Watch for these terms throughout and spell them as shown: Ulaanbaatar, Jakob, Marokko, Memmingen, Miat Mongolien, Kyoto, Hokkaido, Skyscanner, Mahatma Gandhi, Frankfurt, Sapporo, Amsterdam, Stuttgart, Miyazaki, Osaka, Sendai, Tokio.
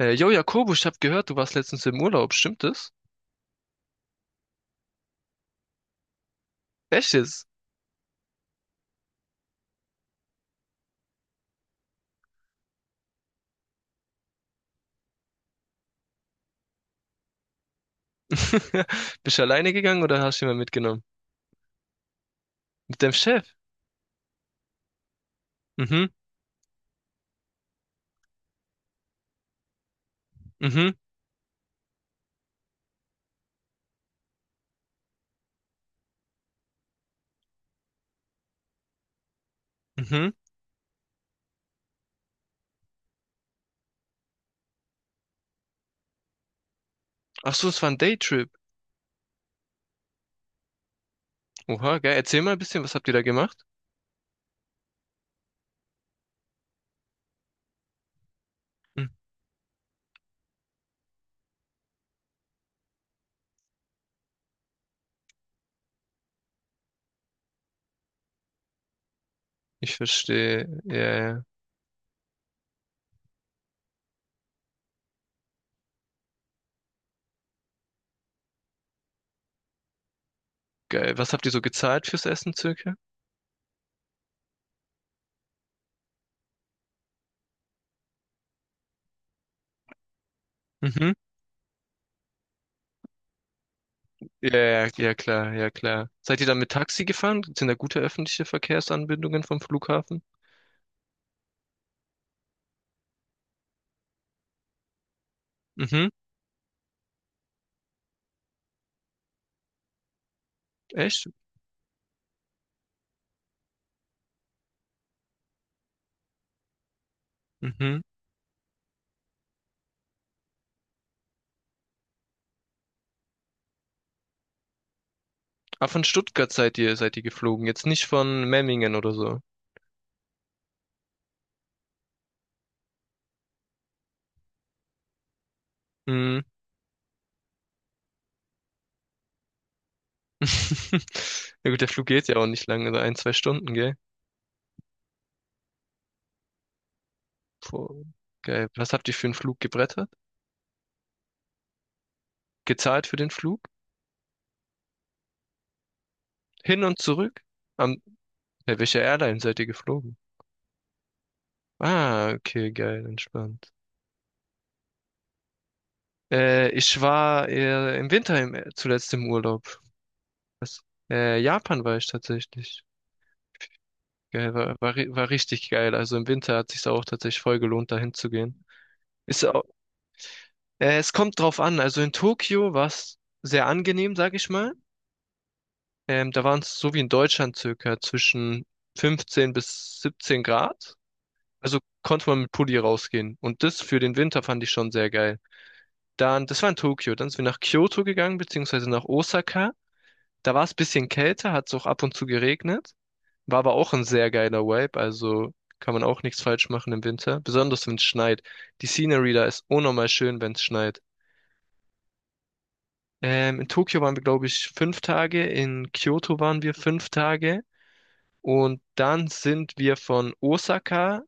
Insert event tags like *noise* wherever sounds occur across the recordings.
Yo, Jakobo, ich habe gehört, du warst letztens im Urlaub, stimmt das? Echt jetzt? *laughs* Bist du alleine gegangen oder hast du jemanden mitgenommen? Mit deinem Chef? Mhm, mhm, mhm. Ach so, es war ein Daytrip. Oha, geil. Erzähl mal ein bisschen, was habt ihr da gemacht? Hm. Ich verstehe. Ja, ja, ja. Geil. Was habt ihr so gezahlt fürs Essen circa? Mhm. Ja, ja, ja, klar, ja, klar. Seid ihr dann mit Taxi gefahren? Sind da gute öffentliche Verkehrsanbindungen vom Flughafen? Mhm, echt? Mhm. Ah, von Stuttgart seid ihr geflogen, jetzt nicht von Memmingen oder so. Mhm. *laughs* Ja gut, der Flug geht ja auch nicht lange, so ein, zwei Stunden, gell? Boah, geil. Was habt ihr für einen Flug gebrettert? Gezahlt für den Flug? Hin und zurück? Am, bei welcher Airline seid ihr geflogen? Ah, okay, geil, entspannt. Ich war im Winter zuletzt im Urlaub. Was? Japan war ich tatsächlich. Geil, war richtig geil. Also im Winter hat sich's auch tatsächlich voll gelohnt, dahin zu gehen. Ist auch, es kommt drauf an. Also in Tokio war's sehr angenehm, sag ich mal. Da waren es so wie in Deutschland circa zwischen 15 bis 17 Grad. Also konnte man mit Pulli rausgehen. Und das für den Winter fand ich schon sehr geil. Dann, das war in Tokio. Dann sind wir nach Kyoto gegangen, beziehungsweise nach Osaka. Da war es ein bisschen kälter, hat es auch ab und zu geregnet. War aber auch ein sehr geiler Vibe. Also kann man auch nichts falsch machen im Winter. Besonders wenn es schneit. Die Scenery da ist unnormal schön, wenn es schneit. In Tokio waren wir, glaube ich, 5 Tage. In Kyoto waren wir 5 Tage. Und dann sind wir von Osaka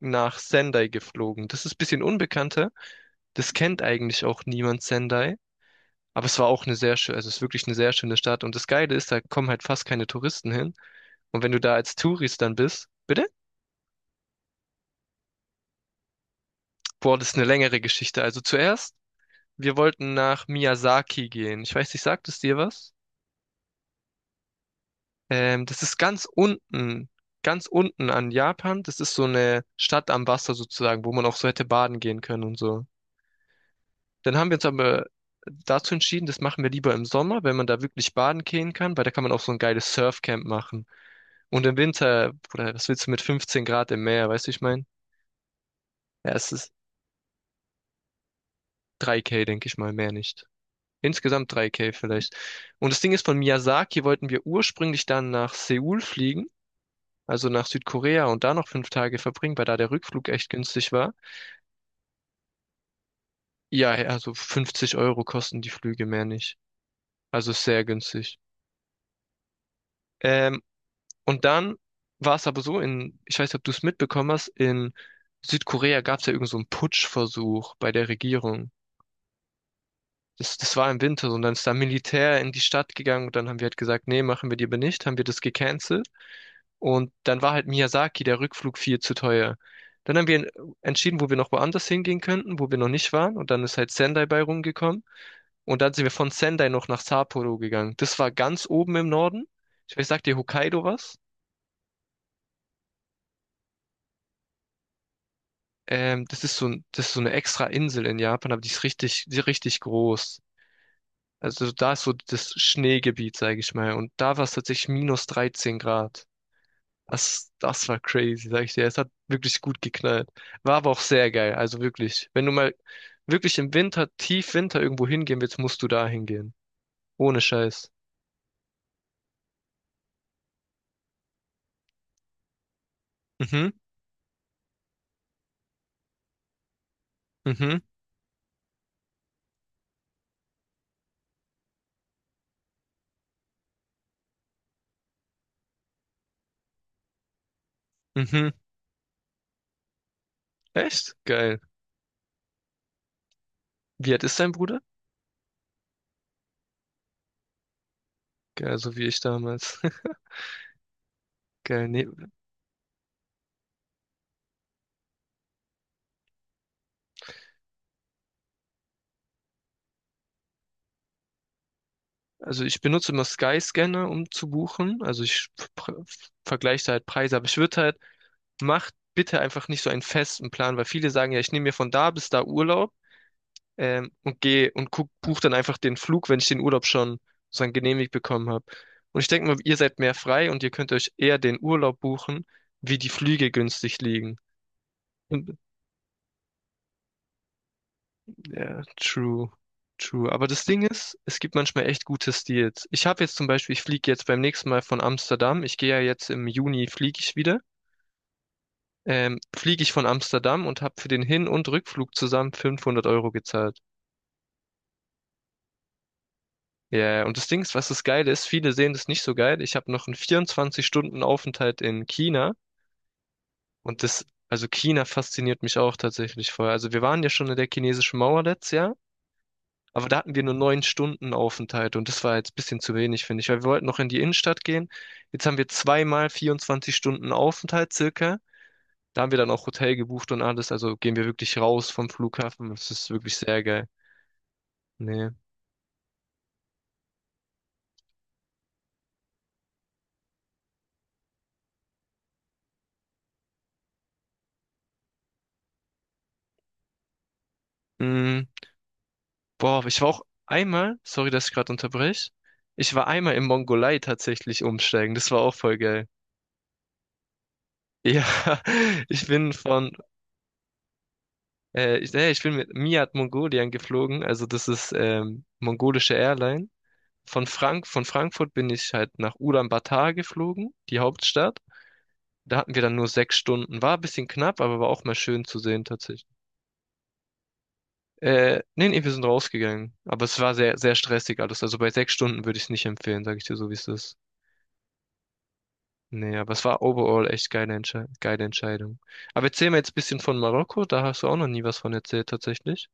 nach Sendai geflogen. Das ist ein bisschen unbekannter. Das kennt eigentlich auch niemand Sendai. Aber es war auch eine sehr schöne, also es ist wirklich eine sehr schöne Stadt. Und das Geile ist, da kommen halt fast keine Touristen hin. Und wenn du da als Tourist dann bist, bitte? Boah, das ist eine längere Geschichte. Also zuerst, wir wollten nach Miyazaki gehen. Ich weiß nicht, sagt es dir was? Das ist ganz unten an Japan. Das ist so eine Stadt am Wasser sozusagen, wo man auch so hätte baden gehen können und so. Dann haben wir uns aber dazu entschieden, das machen wir lieber im Sommer, wenn man da wirklich baden gehen kann, weil da kann man auch so ein geiles Surfcamp machen. Und im Winter, oder was willst du mit 15 Grad im Meer, weißt du, ich mein? Ja, es ist 3K, denke ich mal, mehr nicht. Insgesamt 3K vielleicht. Und das Ding ist, von Miyazaki wollten wir ursprünglich dann nach Seoul fliegen, also nach Südkorea und da noch 5 Tage verbringen, weil da der Rückflug echt günstig war. Ja, also 50 € kosten die Flüge mehr nicht. Also ist sehr günstig. Ähm, Und dann war es aber so, in, ich weiß nicht, ob du es mitbekommen hast, in Südkorea gab es ja irgend so einen Putschversuch bei der Regierung. Das war im Winter so, und dann ist da Militär in die Stadt gegangen und dann haben wir halt gesagt, nee, machen wir die aber nicht, haben wir das gecancelt. Und dann war halt Miyazaki, der Rückflug viel zu teuer. Dann haben wir entschieden, wo wir noch woanders hingehen könnten, wo wir noch nicht waren. Und dann ist halt Sendai bei rumgekommen. Und dann sind wir von Sendai noch nach Sapporo gegangen. Das war ganz oben im Norden. Ich weiß, sagt dir Hokkaido was? Das ist so, das ist so eine extra Insel in Japan, aber die ist richtig groß. Also da ist so das Schneegebiet, sage ich mal. Und da war es tatsächlich minus 13 Grad. Das war crazy, sag ich dir. Es hat wirklich gut geknallt. War aber auch sehr geil. Also wirklich. Wenn du mal wirklich im Winter, tief Winter irgendwo hingehen willst, musst du da hingehen. Ohne Scheiß. Mhm, mhm, mhm. Echt? Geil. Wie alt ist dein Bruder? Geil, so wie ich damals. *laughs* Geil. Nee, also ich benutze immer Skyscanner, um zu buchen. Also ich pr- vergleiche da halt Preise, aber ich würde halt, macht bitte einfach nicht so einen festen Plan, weil viele sagen ja, ich nehme mir von da bis da Urlaub und gehe und guck, buche dann einfach den Flug, wenn ich den Urlaub schon sozusagen genehmigt bekommen habe. Und ich denke mal, ihr seid mehr frei und ihr könnt euch eher den Urlaub buchen, wie die Flüge günstig liegen. Ja, true, true. Aber das Ding ist, es gibt manchmal echt gute Deals. Ich habe jetzt zum Beispiel, ich fliege jetzt beim nächsten Mal von Amsterdam. Ich gehe ja jetzt im Juni, fliege ich wieder. Fliege ich von Amsterdam und habe für den Hin- und Rückflug zusammen 500 € gezahlt. Ja, und das Ding ist, was das Geile ist, viele sehen das nicht so geil. Ich habe noch einen 24-Stunden-Aufenthalt in China und das, also China fasziniert mich auch tatsächlich voll. Also wir waren ja schon in der chinesischen Mauer letztes Jahr. Aber da hatten wir nur 9 Stunden Aufenthalt und das war jetzt ein bisschen zu wenig, finde ich, weil wir wollten noch in die Innenstadt gehen. Jetzt haben wir zweimal 24 Stunden Aufenthalt circa. Da haben wir dann auch Hotel gebucht und alles, also gehen wir wirklich raus vom Flughafen. Das ist wirklich sehr geil. Nee. Mm, Boah, ich war auch einmal, sorry, dass ich gerade unterbreche. Ich war einmal in Mongolei tatsächlich umsteigen. Das war auch voll geil. Ja, *laughs* ich bin von, ich bin mit Miat Mongolien geflogen, also das ist mongolische Airline. Von Frankfurt bin ich halt nach Ulaanbaatar geflogen, die Hauptstadt. Da hatten wir dann nur 6 Stunden. War ein bisschen knapp, aber war auch mal schön zu sehen tatsächlich. Nee, nee, wir sind rausgegangen. Aber es war sehr, sehr stressig alles. Also bei 6 Stunden würde ich es nicht empfehlen, sage ich dir so, wie es ist. Nee, aber es war overall echt geile, Entsche geile Entscheidung. Aber erzähl mir jetzt ein bisschen von Marokko. Da hast du auch noch nie was von erzählt, tatsächlich.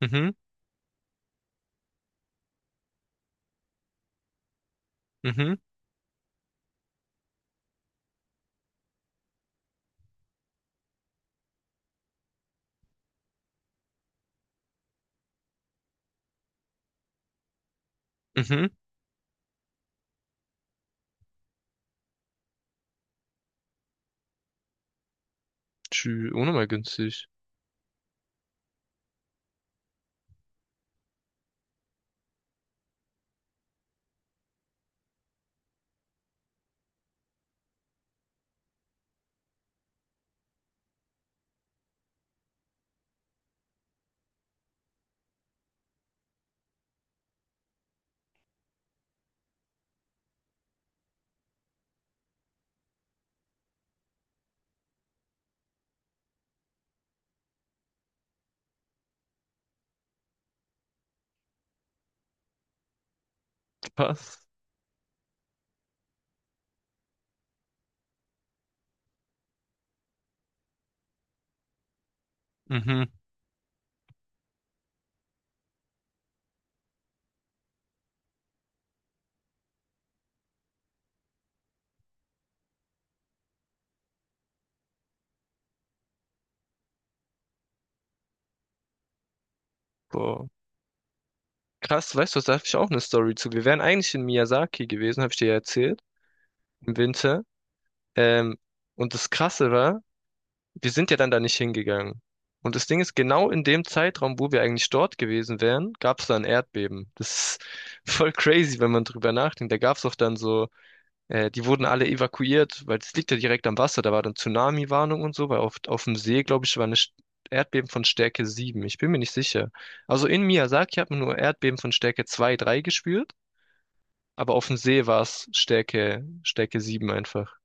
Mhm, mhm, mhm. Tschü, ohne mal günstig. Was? Mhm. Boah. Krass, weißt du, was, da habe ich auch eine Story zu. Wir wären eigentlich in Miyazaki gewesen, habe ich dir ja erzählt, im Winter. Ähm, und das Krasse war, wir sind ja dann da nicht hingegangen. Und das Ding ist, genau in dem Zeitraum, wo wir eigentlich dort gewesen wären, gab es da ein Erdbeben. Das ist *laughs* voll crazy, wenn man drüber nachdenkt. Da gab es auch dann so, die wurden alle evakuiert, weil es liegt ja direkt am Wasser. Da war dann Tsunami-Warnung und so, weil auf, dem See, glaube ich, war eine Erdbeben von Stärke 7. Ich bin mir nicht sicher. Also in Miyazaki hat man nur Erdbeben von Stärke 2, 3 gespürt. Aber auf dem See war es Stärke 7 einfach.